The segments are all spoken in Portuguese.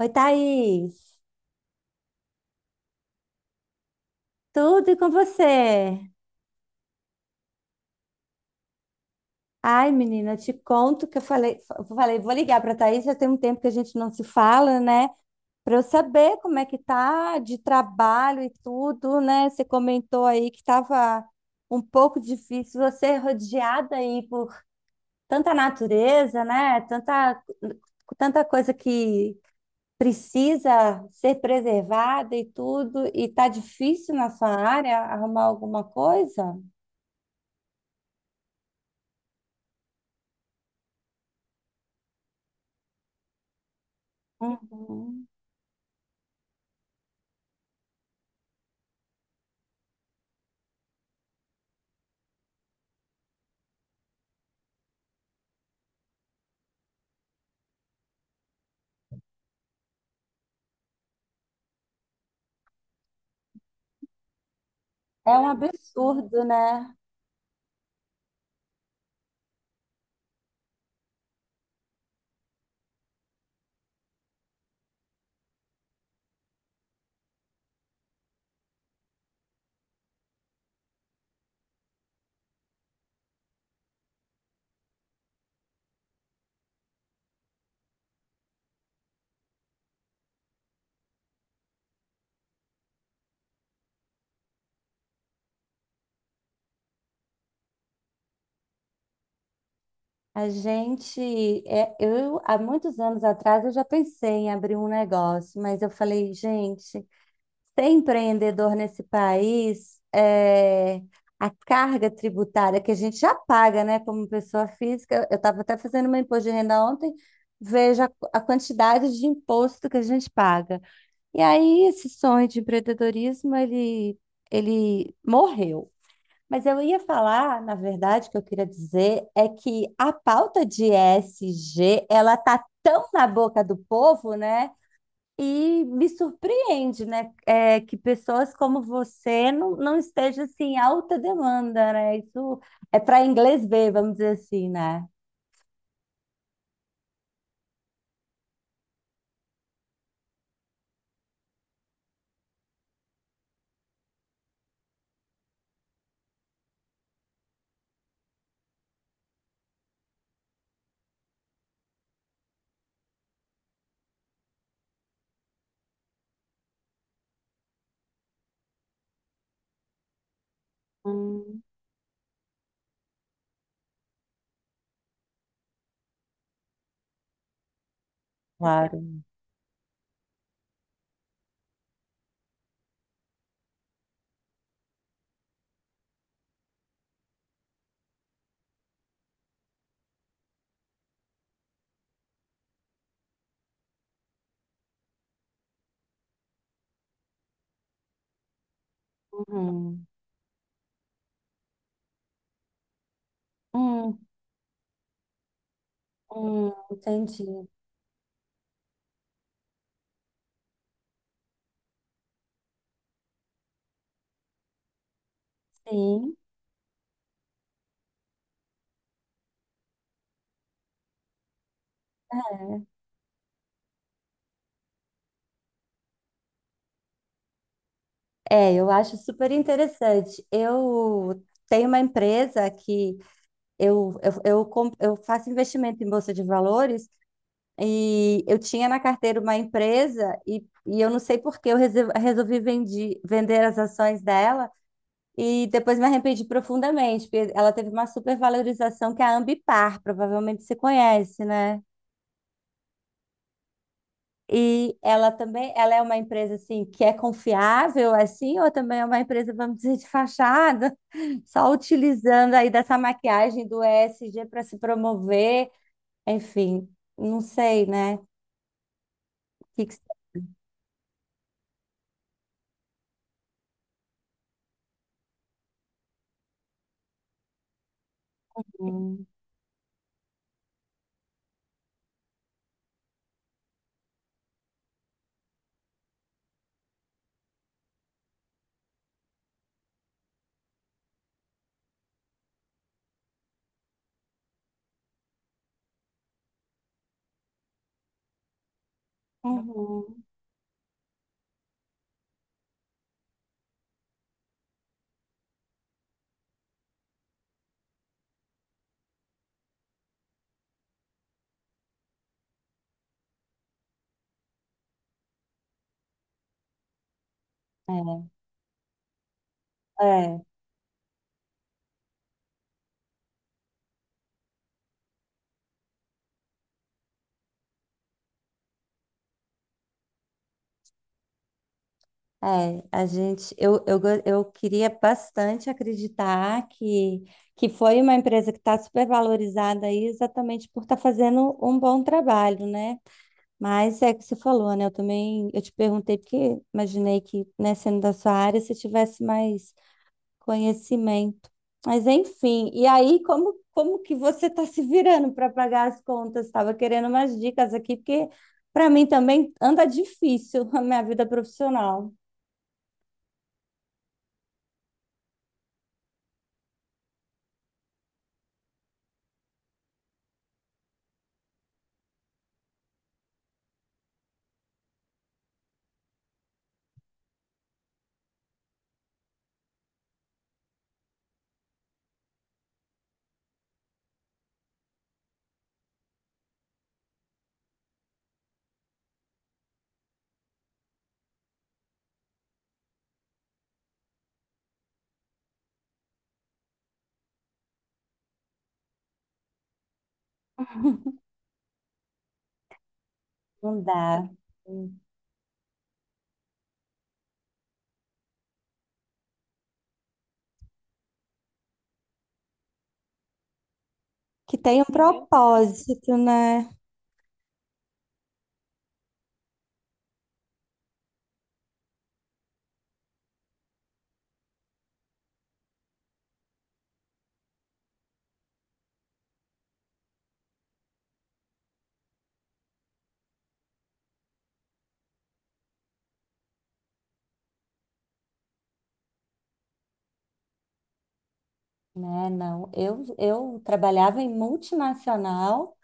Oi, Thaís. Tudo e com você? Ai, menina, te conto que eu falei, vou ligar para Thaís, já tem um tempo que a gente não se fala, né? Para eu saber como é que tá de trabalho e tudo, né? Você comentou aí que estava um pouco difícil, você é rodeada aí por tanta natureza, né? Tanta, tanta coisa que precisa ser preservada e tudo, e tá difícil na sua área arrumar alguma coisa? Uhum. É um absurdo, né? A gente, eu há muitos anos atrás, eu já pensei em abrir um negócio, mas eu falei, gente, ser empreendedor nesse país, a carga tributária que a gente já paga, né, como pessoa física. Eu estava até fazendo meu imposto de renda ontem, vejo a quantidade de imposto que a gente paga. E aí esse sonho de empreendedorismo, ele morreu. Mas eu ia falar, na verdade, o que eu queria dizer é que a pauta de E S G ela tá tão na boca do povo, né? E me surpreende, né? Que pessoas como você não estejam assim em alta demanda, né? Isso é para inglês ver, vamos dizer assim, né? Hum. Claro. Uhum. Hum, entendi. Sim. É, eu acho super interessante. Eu tenho uma empresa que Eu faço investimento em bolsa de valores e eu tinha na carteira uma empresa e eu não sei por que eu resolvi vender as ações dela e depois me arrependi profundamente, porque ela teve uma supervalorização, que é a Ambipar, provavelmente você conhece, né? E ela também, ela é uma empresa assim que é confiável assim, ou também é uma empresa, vamos dizer, de fachada, só utilizando aí dessa maquiagem do ESG para se promover? Enfim, não sei, né? O que que são- Uhum. É, é, é. A gente, eu, go- eu queria bastante acreditar que foi uma empresa que está super valorizada aí exatamente por estar fazendo um bom trabalho, né? Mas é que você falou, né? Eu te perguntei porque imaginei que, né, sendo da sua área, você tivesse mais conhecimento. Mas enfim, e aí como que você está se virando para pagar as contas? Estava querendo umas dicas aqui, porque para mim também anda difícil a minha vida profissional. Não dá. Que tem um propósito, né? Né, não. Eu trabalhava em multinacional,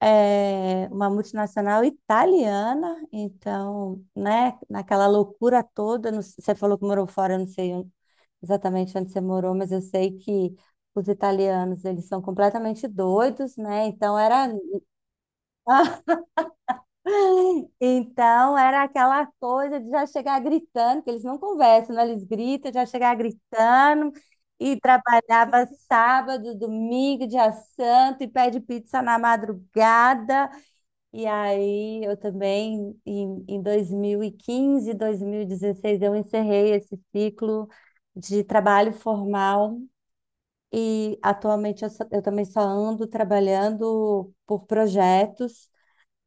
é, uma multinacional italiana. Então, né, naquela loucura toda, você falou que morou fora, eu não sei exatamente onde você morou, mas eu sei que os italianos, eles são completamente doidos, né? Então era Então era aquela coisa de já chegar gritando, que eles não conversam, né? Eles gritam, já chegar gritando e trabalhava sábado, domingo, dia santo e pede pizza na madrugada. E aí eu também em dois mil e quinze, 2016, eu encerrei esse ciclo de trabalho formal. E atualmente eu também só ando trabalhando por projetos.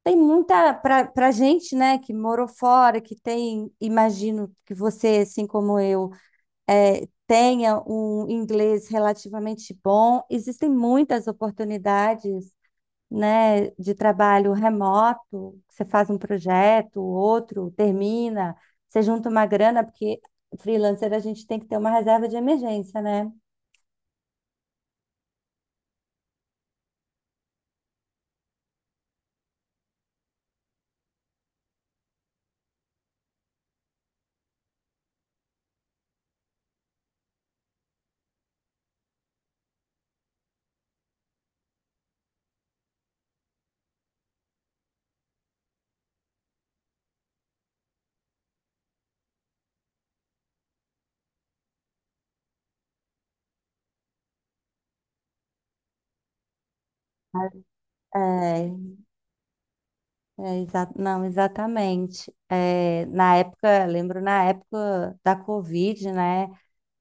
Tem muita para gente, né, que morou fora, que tem, imagino que você, assim como eu, tenha um inglês relativamente bom. Existem muitas oportunidades, né, de trabalho remoto. Você faz um projeto, outro termina, você junta uma grana, porque freelancer a gente tem que ter uma reserva de emergência, né? É, é, não, exatamente. É, na época, lembro, na época da Covid, né?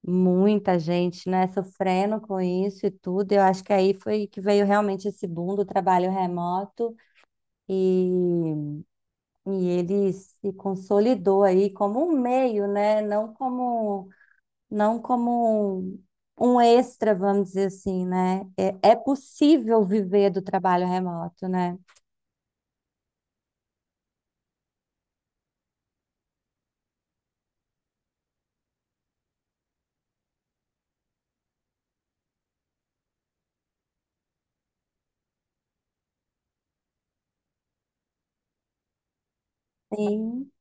Muita gente, né, sofrendo com isso e tudo. Eu acho que aí foi que veio realmente esse boom do trabalho remoto, e, e ele se consolidou aí como um meio, né? Não como um extra, vamos dizer assim, né? É, é possível viver do trabalho remoto, né? Sim,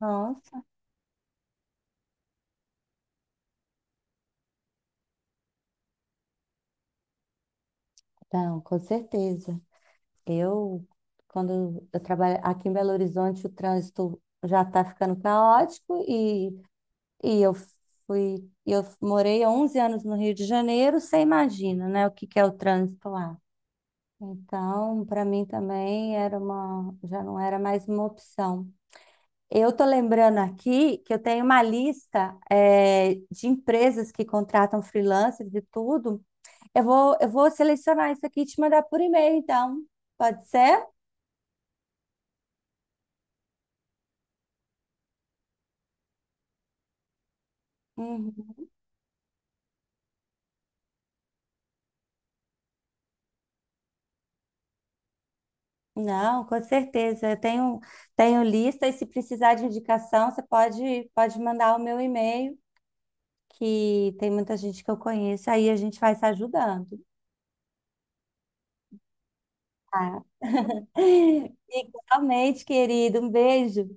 nossa. Não, com certeza. Eu, quando eu trabalho aqui em Belo Horizonte, o trânsito já está ficando caótico, e eu eu morei há 11 anos no Rio de Janeiro, você imagina, né, o que que é o trânsito lá. Então, para mim também era já não era mais uma opção. Eu tô lembrando aqui que eu tenho uma lista, de empresas que contratam freelancers e tudo. Eu vou selecionar isso aqui e te mandar por e-mail, então. Pode ser? Uhum. Não, com certeza. Eu tenho lista, e se precisar de indicação, você pode mandar o meu e-mail, que tem muita gente que eu conheço, aí a gente vai se ajudando. Tá? Igualmente, querido. Um beijo.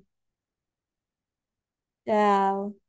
Tchau.